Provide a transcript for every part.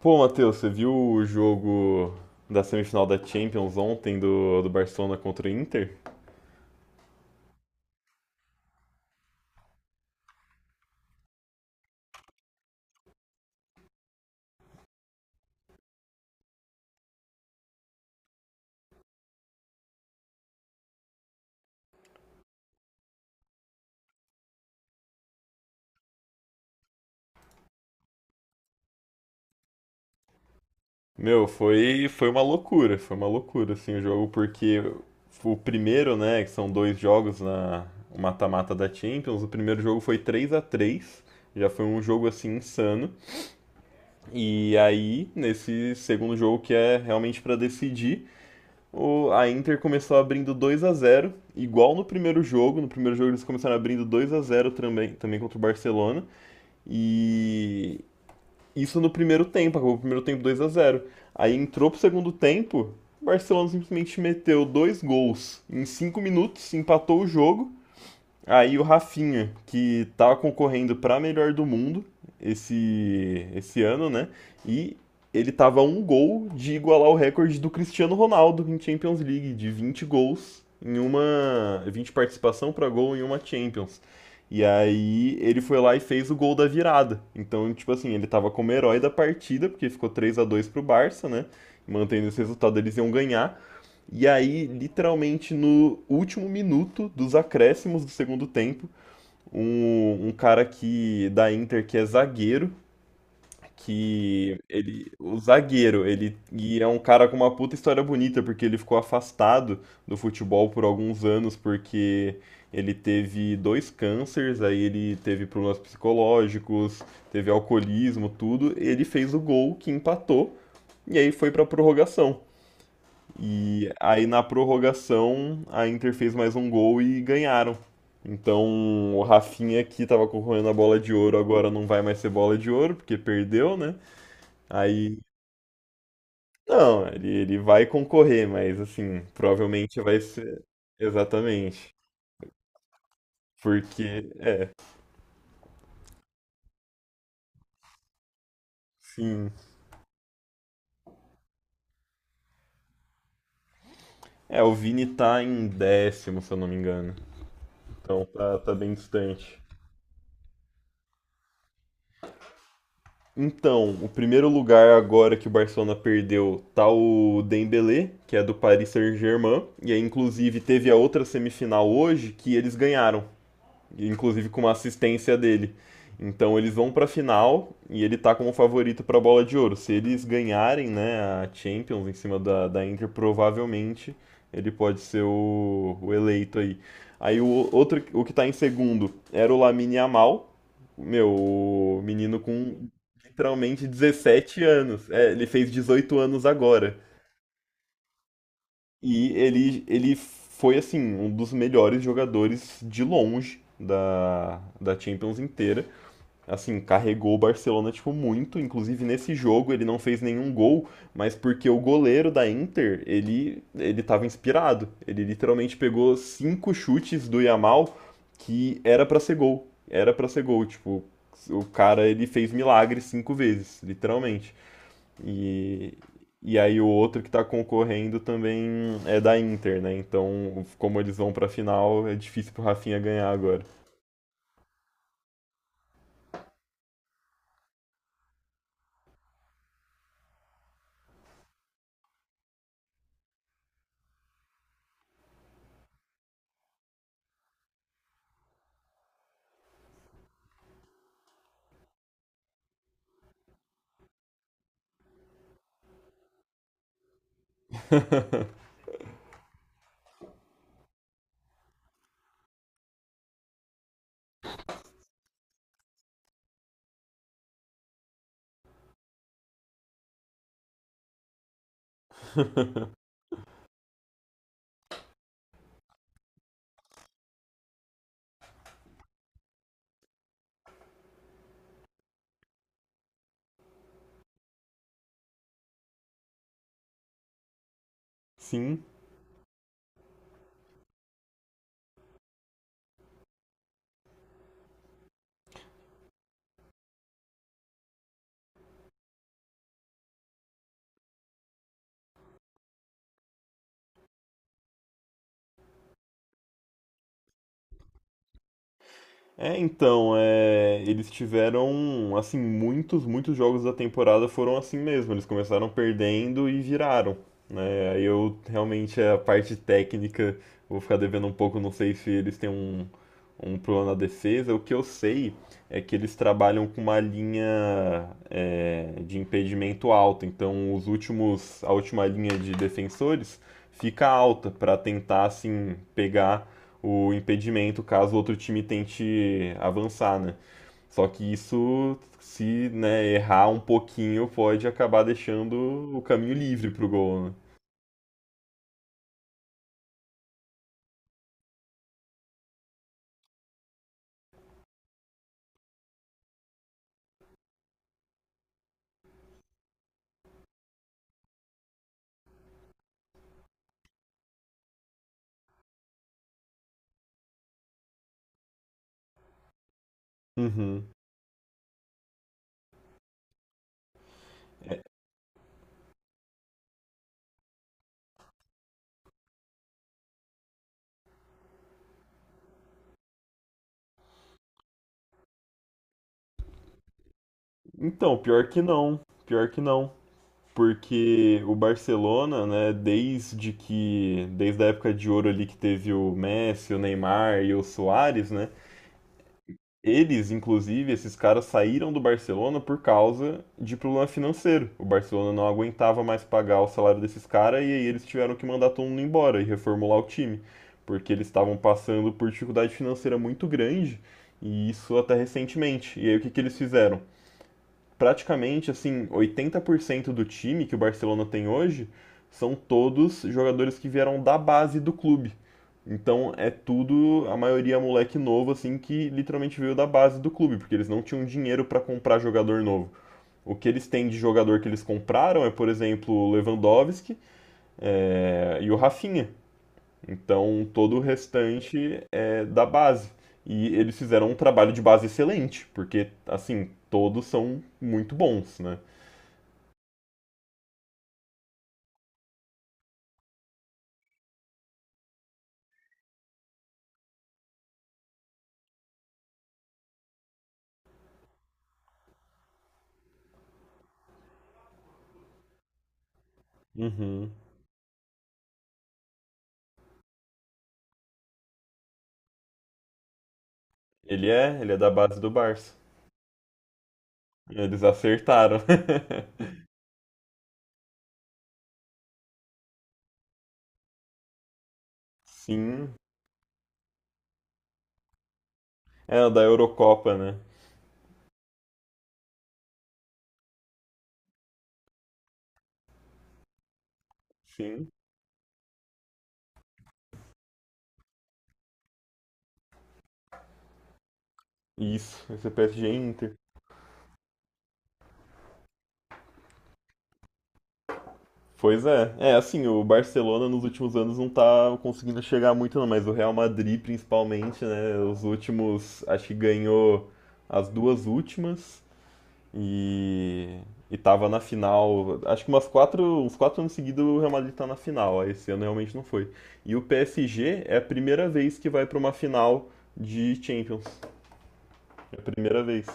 Pô, Matheus, você viu o jogo da semifinal da Champions ontem do Barcelona contra o Inter? Meu, foi uma loucura, foi uma loucura assim o jogo, porque o primeiro, né, que são dois jogos na o mata-mata da Champions, o primeiro jogo foi 3 a 3, já foi um jogo assim insano. E aí, nesse segundo jogo que é realmente pra decidir, a Inter começou abrindo 2 a zero igual no primeiro jogo. No primeiro jogo eles começaram abrindo 2 a zero também contra o Barcelona. E isso no primeiro tempo, acabou o primeiro tempo 2 a zero. Aí entrou pro segundo tempo, o Barcelona simplesmente meteu dois gols em 5 minutos, empatou o jogo. Aí o Rafinha, que tá concorrendo para melhor do mundo esse ano, né? E ele tava a um gol de igualar o recorde do Cristiano Ronaldo em Champions League, de 20 gols em uma. Vinte participação para gol em uma Champions. E aí ele foi lá e fez o gol da virada. Então, tipo assim, ele tava como herói da partida, porque ficou 3 a 2 pro Barça, né? Mantendo esse resultado, eles iam ganhar. E aí, literalmente no último minuto dos acréscimos do segundo tempo, um cara que da Inter que é zagueiro, que ele, o zagueiro, ele é um cara com uma puta história bonita, porque ele ficou afastado do futebol por alguns anos porque ele teve dois cânceres, aí ele teve problemas psicológicos, teve alcoolismo, tudo. Ele fez o gol que empatou e aí foi pra prorrogação. E aí na prorrogação a Inter fez mais um gol e ganharam. Então o Rafinha que tava concorrendo a bola de ouro agora não vai mais ser bola de ouro porque perdeu, né? Aí não, ele vai concorrer, mas assim, provavelmente vai ser exatamente. Porque é, sim. É, o Vini tá em décimo, se eu não me engano. Então tá, tá bem distante. Então, o primeiro lugar agora que o Barcelona perdeu tá o Dembélé, que é do Paris Saint-Germain, e aí inclusive teve a outra semifinal hoje que eles ganharam inclusive com uma assistência dele. Então eles vão para a final e ele está como favorito para a bola de ouro. Se eles ganharem, né, a Champions em cima da Inter, provavelmente ele pode ser o eleito aí. Aí o outro, o que está em segundo era o Lamine Yamal, meu, o menino com literalmente 17 anos. É, ele fez 18 anos agora. E ele foi, assim, um dos melhores jogadores de longe da Champions inteira. Assim, carregou o Barcelona, tipo, muito. Inclusive, nesse jogo, ele não fez nenhum gol, mas porque o goleiro da Inter, ele tava inspirado. Ele literalmente pegou cinco chutes do Yamal que era pra ser gol. Era pra ser gol, tipo, o cara, ele fez milagre cinco vezes, literalmente. E, e aí o outro que está concorrendo também é da Inter, né? Então, como eles vão pra final, é difícil pro Rafinha ganhar agora. Sim, é, então, é, eles tiveram, assim, muitos, muitos jogos da temporada foram assim mesmo. Eles começaram perdendo e viraram, né? Aí eu realmente a parte técnica vou ficar devendo um pouco, não sei se eles têm um plano na defesa. O que eu sei é que eles trabalham com uma linha de impedimento alta. Então, a última linha de defensores fica alta para tentar assim pegar o impedimento caso o outro time tente avançar, né? Só que isso, se né, errar um pouquinho, pode acabar deixando o caminho livre pro gol, né? Uhum. É, então, pior que não. Pior que não. Porque o Barcelona, né, desde que. Desde a época de ouro ali que teve o Messi, o Neymar e o Soares, né? Eles, inclusive, esses caras saíram do Barcelona por causa de problema financeiro. O Barcelona não aguentava mais pagar o salário desses caras e aí eles tiveram que mandar todo mundo embora e reformular o time, porque eles estavam passando por dificuldade financeira muito grande e isso até recentemente. E aí o que que eles fizeram? Praticamente assim, 80% do time que o Barcelona tem hoje são todos jogadores que vieram da base do clube. Então é tudo, a maioria é moleque novo assim que literalmente veio da base do clube, porque eles não tinham dinheiro para comprar jogador novo. O que eles têm de jogador que eles compraram é, por exemplo, o Lewandowski e o Rafinha. Então todo o restante é da base. E eles fizeram um trabalho de base excelente, porque assim, todos são muito bons, né? Uhum. Ele é da base do Barça. Eles acertaram. Sim. É, da Eurocopa, né? Sim. Isso, esse é PSG e Inter. Pois é. É, assim, o Barcelona nos últimos anos não tá conseguindo chegar muito, não, mas o Real Madrid, principalmente, né? Os últimos, acho que ganhou as duas últimas. E, e tava na final, acho que uns quatro anos seguidos o Real Madrid tá na final, aí esse ano realmente não foi. E o PSG é a primeira vez que vai pra uma final de Champions. É a primeira vez.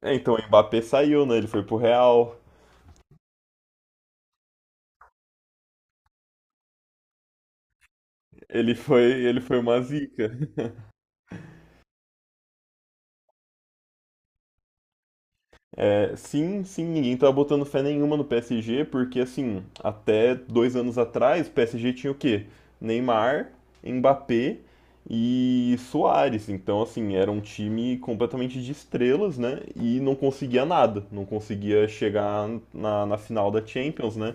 É, então o Mbappé saiu, né? Ele foi pro Real. Ele foi uma zica. É, sim, sim, ninguém tava botando fé nenhuma no PSG, porque assim, até dois anos atrás, o PSG tinha o quê? Neymar, Mbappé e Soares. Então, assim, era um time completamente de estrelas, né? E não conseguia nada, não conseguia chegar na final da Champions, né?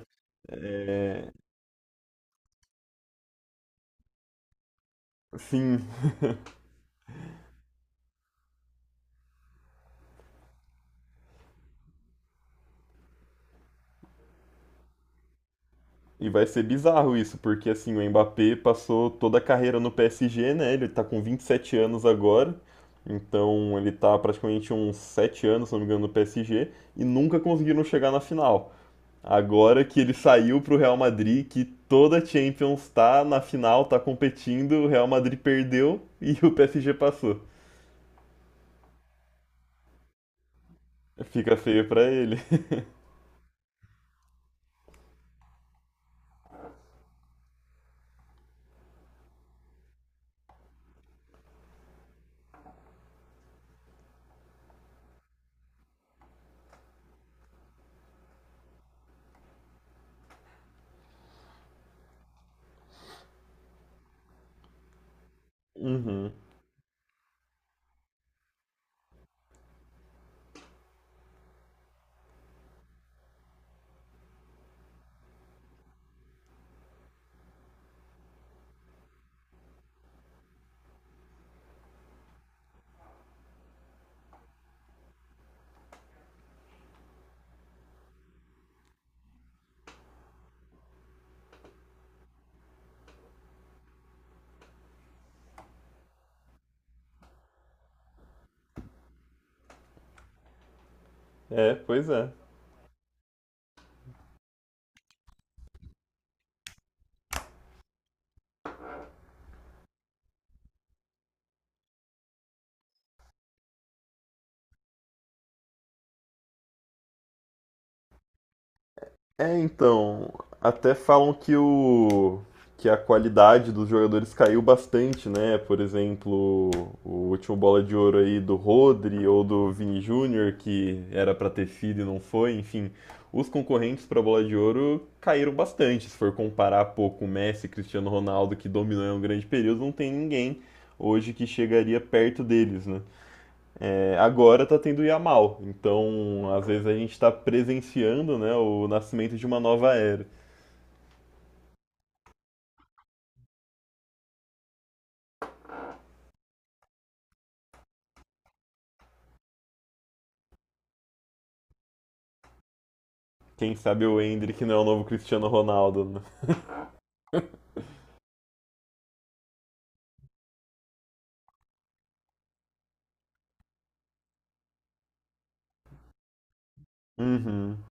Sim, e vai ser bizarro isso, porque assim, o Mbappé passou toda a carreira no PSG, né? Ele tá com 27 anos agora, então ele tá praticamente uns 7 anos, se não me engano, no PSG, e nunca conseguiram chegar na final. Agora que ele saiu pro Real Madrid, que toda a Champions tá na final, tá competindo, o Real Madrid perdeu e o PSG passou. Fica feio pra ele. Uhum. É, pois é. É, então, até falam que a qualidade dos jogadores caiu bastante, né? Por exemplo, o último bola de ouro aí do Rodri ou do Vini Júnior, que era pra ter sido e não foi, enfim. Os concorrentes pra bola de ouro caíram bastante. Se for comparar pouco o Messi, Cristiano Ronaldo, que dominou em um grande período, não tem ninguém hoje que chegaria perto deles, né? É, agora tá tendo Yamal, então às vezes a gente tá presenciando, né, o nascimento de uma nova era. Quem sabe o Endrick não é o novo Cristiano Ronaldo, né? Uhum.